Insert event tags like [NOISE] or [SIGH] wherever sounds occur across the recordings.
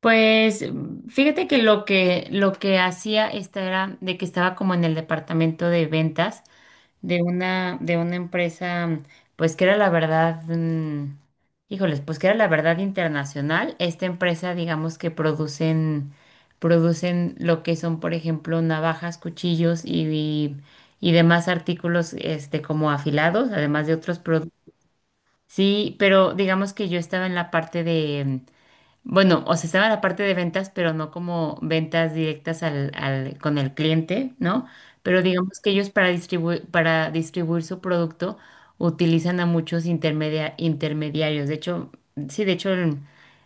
Pues mm, fíjate que lo que hacía esta era de que estaba como en el departamento de ventas de una empresa, pues que era la verdad, híjoles, pues que era la verdad internacional esta empresa. Digamos que producen lo que son, por ejemplo, navajas, cuchillos y y demás artículos este como afilados, además de otros productos. Sí, pero digamos que yo estaba en la parte de bueno, o sea, estaba la parte de ventas, pero no como ventas directas con el cliente, ¿no? Pero digamos que ellos para distribuir su producto utilizan a muchos intermediarios. De hecho, sí, de hecho el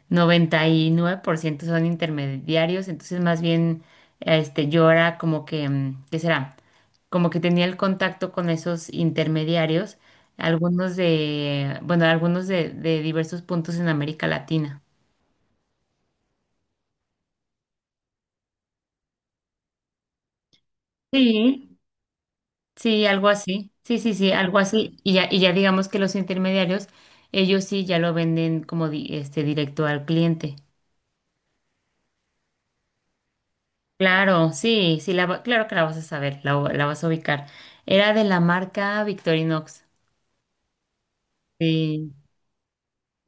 99% son intermediarios. Entonces, más bien este, yo era como que, mm, ¿qué será? Como que tenía el contacto con esos intermediarios, algunos de, bueno, algunos de diversos puntos en América Latina. Sí, sí, algo así. Sí, sí, sí, algo así. Y ya digamos que los intermediarios, ellos sí ya lo venden como este directo al cliente. Claro, sí, sí, la, claro que la vas a saber, la vas a ubicar. Era de la marca Victorinox. Sí,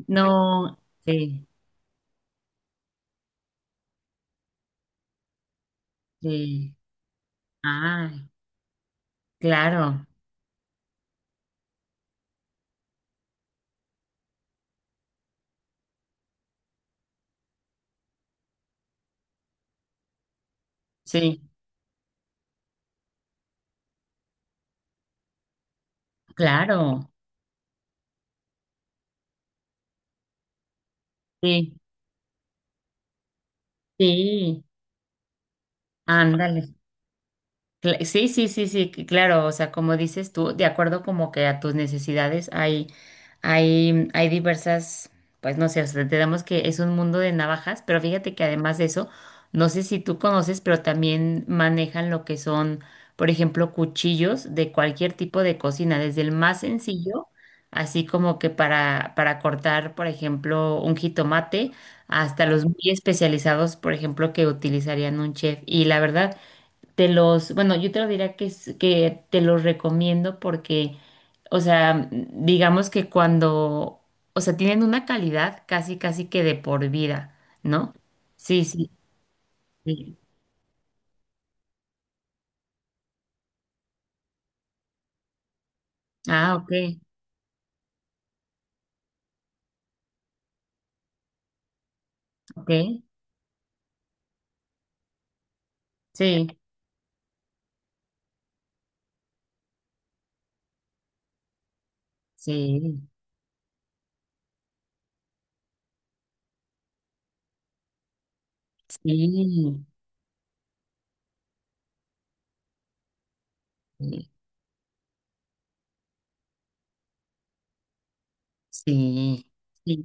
no, sí, sí. Ah, claro, sí, claro, sí, sí, ándale. Sí, sí, sí, sí, que claro, o sea, como dices tú, de acuerdo como que a tus necesidades hay, hay, hay diversas, pues no sé, o sea, tenemos que es un mundo de navajas, pero fíjate que además de eso, no sé si tú conoces, pero también manejan lo que son, por ejemplo, cuchillos de cualquier tipo de cocina, desde el más sencillo, así como que para cortar, por ejemplo, un jitomate, hasta los muy especializados, por ejemplo, que utilizarían un chef. Y la verdad, te los, bueno, yo te lo diría que, que te los recomiendo porque, o sea, digamos que cuando, o sea, tienen una calidad casi, casi que de por vida, ¿no? Sí, sí. Sí. Ah, ok, ok. Sí, sí, sí, sí, sí, sí.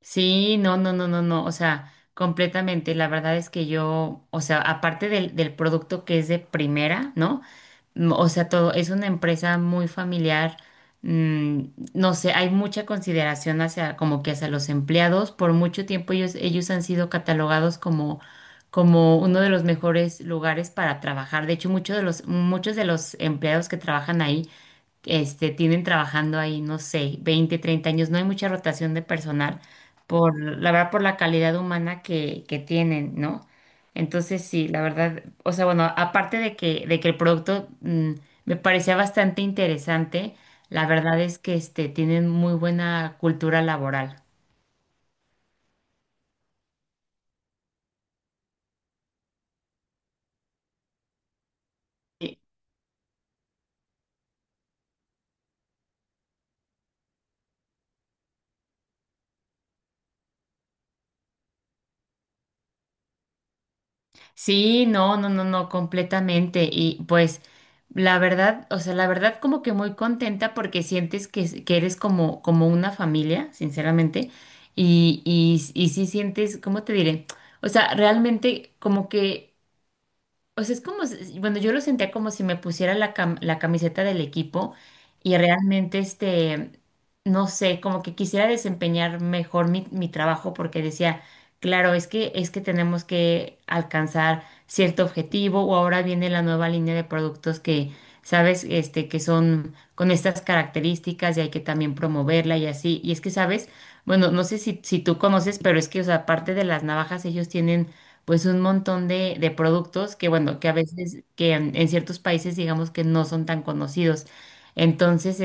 Sí, no, no, no, no, no, o sea, completamente. La verdad es que yo, o sea, aparte del, del producto que es de primera, ¿no? O sea, todo es una empresa muy familiar. mm, no sé, hay mucha consideración hacia como que hacia los empleados. Por mucho tiempo ellos han sido catalogados como, como uno de los mejores lugares para trabajar. De hecho, muchos de los empleados que trabajan ahí, este, tienen trabajando ahí, no sé, 20 30 años. No hay mucha rotación de personal por, la verdad, por la calidad humana que tienen, ¿no? Entonces, sí, la verdad, o sea, bueno, aparte de que el producto, me parecía bastante interesante, la verdad es que este, tienen muy buena cultura laboral. Sí, no, no, no, no, completamente. Y pues la verdad, o sea, la verdad como que muy contenta porque sientes que eres como, como una familia, sinceramente. Y sí sientes, ¿cómo te diré? O sea, realmente como que o sea, es como, bueno, yo lo sentía como si me pusiera la, la camiseta del equipo y realmente, este, no sé, como que quisiera desempeñar mejor mi, mi trabajo porque decía, claro, es que tenemos que alcanzar cierto objetivo o ahora viene la nueva línea de productos que, sabes, este, que son con estas características y hay que también promoverla y así. Y es que, sabes, bueno, no sé si, si tú conoces, pero es que, o sea, aparte de las navajas, ellos tienen pues un montón de productos que, bueno, que a veces, que en ciertos países digamos que no son tan conocidos. Entonces,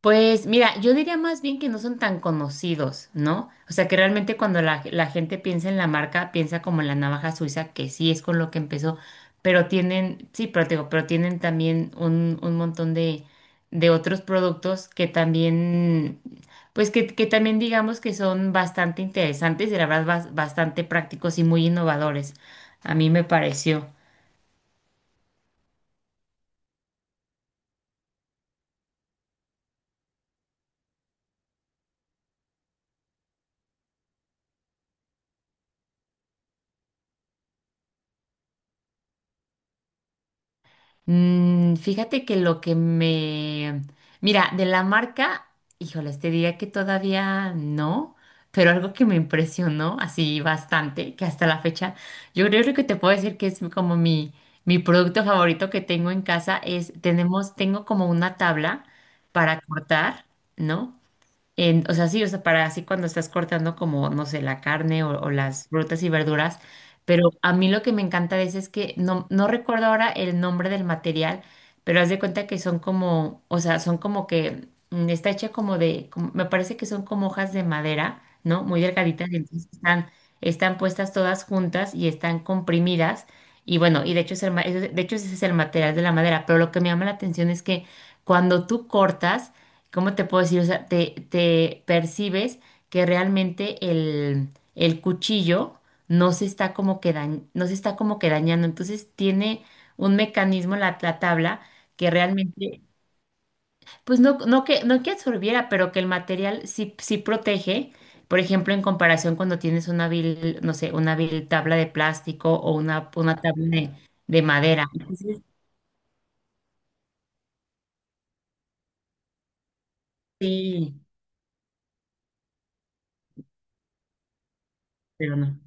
pues mira, yo diría más bien que no son tan conocidos, ¿no? O sea, que realmente cuando la gente piensa en la marca, piensa como en la navaja suiza, que sí es con lo que empezó, pero tienen, sí, pero, te digo, pero tienen también un montón de otros productos que también, pues que también digamos que son bastante interesantes y la verdad bastante prácticos y muy innovadores. A mí me pareció. Mm, fíjate que lo que me... Mira, de la marca, híjoles, te diría que todavía no, pero algo que me impresionó así bastante, que hasta la fecha, yo creo que te puedo decir que es como mi producto favorito que tengo en casa, es, tenemos, tengo como una tabla para cortar, ¿no? O sea, sí, o sea, para así cuando estás cortando como, no sé, la carne o las frutas y verduras, pero a mí lo que me encanta de ese es que no, no recuerdo ahora el nombre del material, pero haz de cuenta que son como, o sea, son como que está hecha como de, me parece que son como hojas de madera, ¿no? Muy delgaditas, y entonces están, están puestas todas juntas y están comprimidas. Y bueno, y de hecho, es el de hecho ese es el material de la madera, pero lo que me llama la atención es que cuando tú cortas, ¿cómo te puedo decir? O sea, te percibes que realmente el cuchillo no se está como que no se está como que dañando. Entonces tiene un mecanismo la, la tabla que realmente, pues no, no que, no que absorbiera, pero que el material sí, sí protege. Por ejemplo, en comparación cuando tienes una vil, no sé, una vil tabla de plástico o una tabla de madera. Entonces, sí, pero no.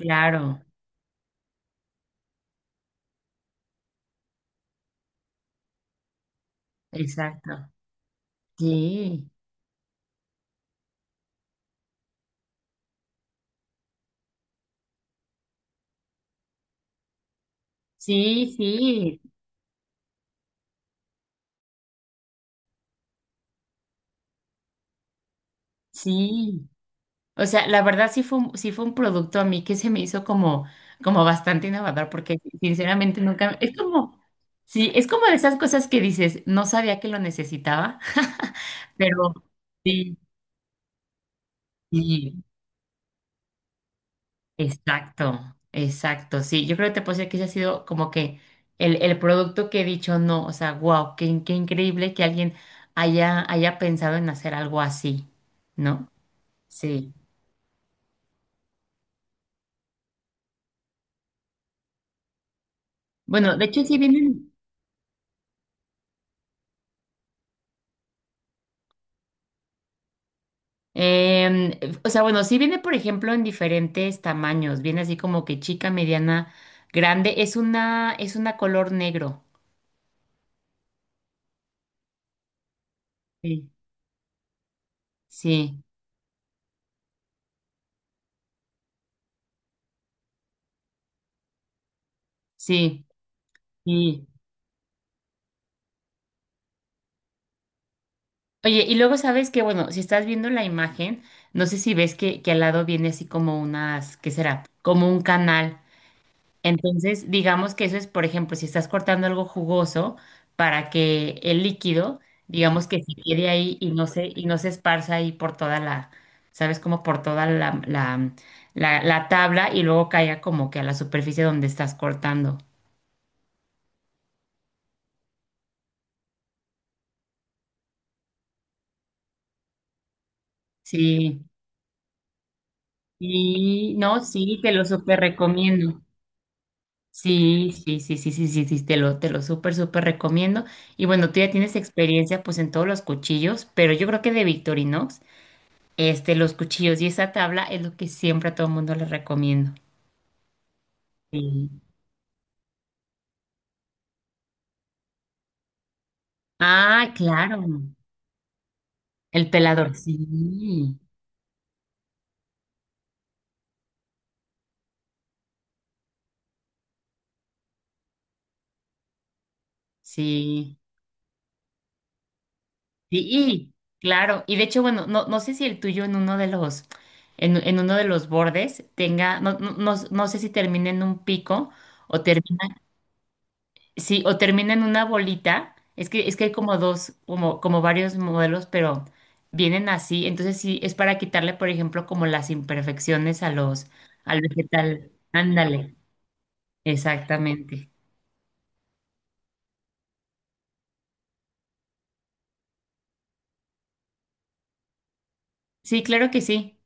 Claro, exacto. Sí. Sí, sí, sí. O sea, la verdad sí fue un producto a mí que se me hizo como, como bastante innovador, porque sinceramente nunca, es como, sí, es como de esas cosas que dices, no sabía que lo necesitaba, [LAUGHS] pero sí, sí, exacto, exacto, sí. Yo creo que te puedo decir que ese ha sido como que el producto que he dicho, no, o sea, wow, qué, qué increíble que alguien haya, haya pensado en hacer algo así, ¿no? Sí. Bueno, de hecho sí vienen, em, o sea, bueno, sí viene, por ejemplo, en diferentes tamaños. Viene así como que chica, mediana, grande. Es una color negro. Sí, sí, sí. Sí. Oye, y luego sabes que, bueno, si estás viendo la imagen, no sé si ves que al lado viene así como unas, ¿qué será? Como un canal. Entonces, digamos que eso es, por ejemplo, si estás cortando algo jugoso para que el líquido, digamos que se quede ahí y no se esparza ahí por toda la, ¿sabes? Como por toda la tabla y luego caiga como que a la superficie donde estás cortando. Sí, y no, sí, te lo súper recomiendo. Sí, sí, sí, sí, sí, sí, sí, te lo súper, súper recomiendo. Y bueno, tú ya tienes experiencia pues en todos los cuchillos, pero yo creo que de Victorinox, este, los cuchillos y esa tabla es lo que siempre a todo el mundo les recomiendo. Sí. Ah, claro, el pelador, sí, sí, sí, y, claro, y de hecho, bueno, no, no sé si el tuyo en uno de los, en uno de los bordes tenga, no, no, no, no sé si termina en un pico o termina. Sí, o termina en una bolita. Es que hay como dos, como, como varios modelos, pero vienen así. Entonces sí, es para quitarle, por ejemplo, como las imperfecciones a los, al vegetal. Ándale, exactamente. Sí, claro que sí.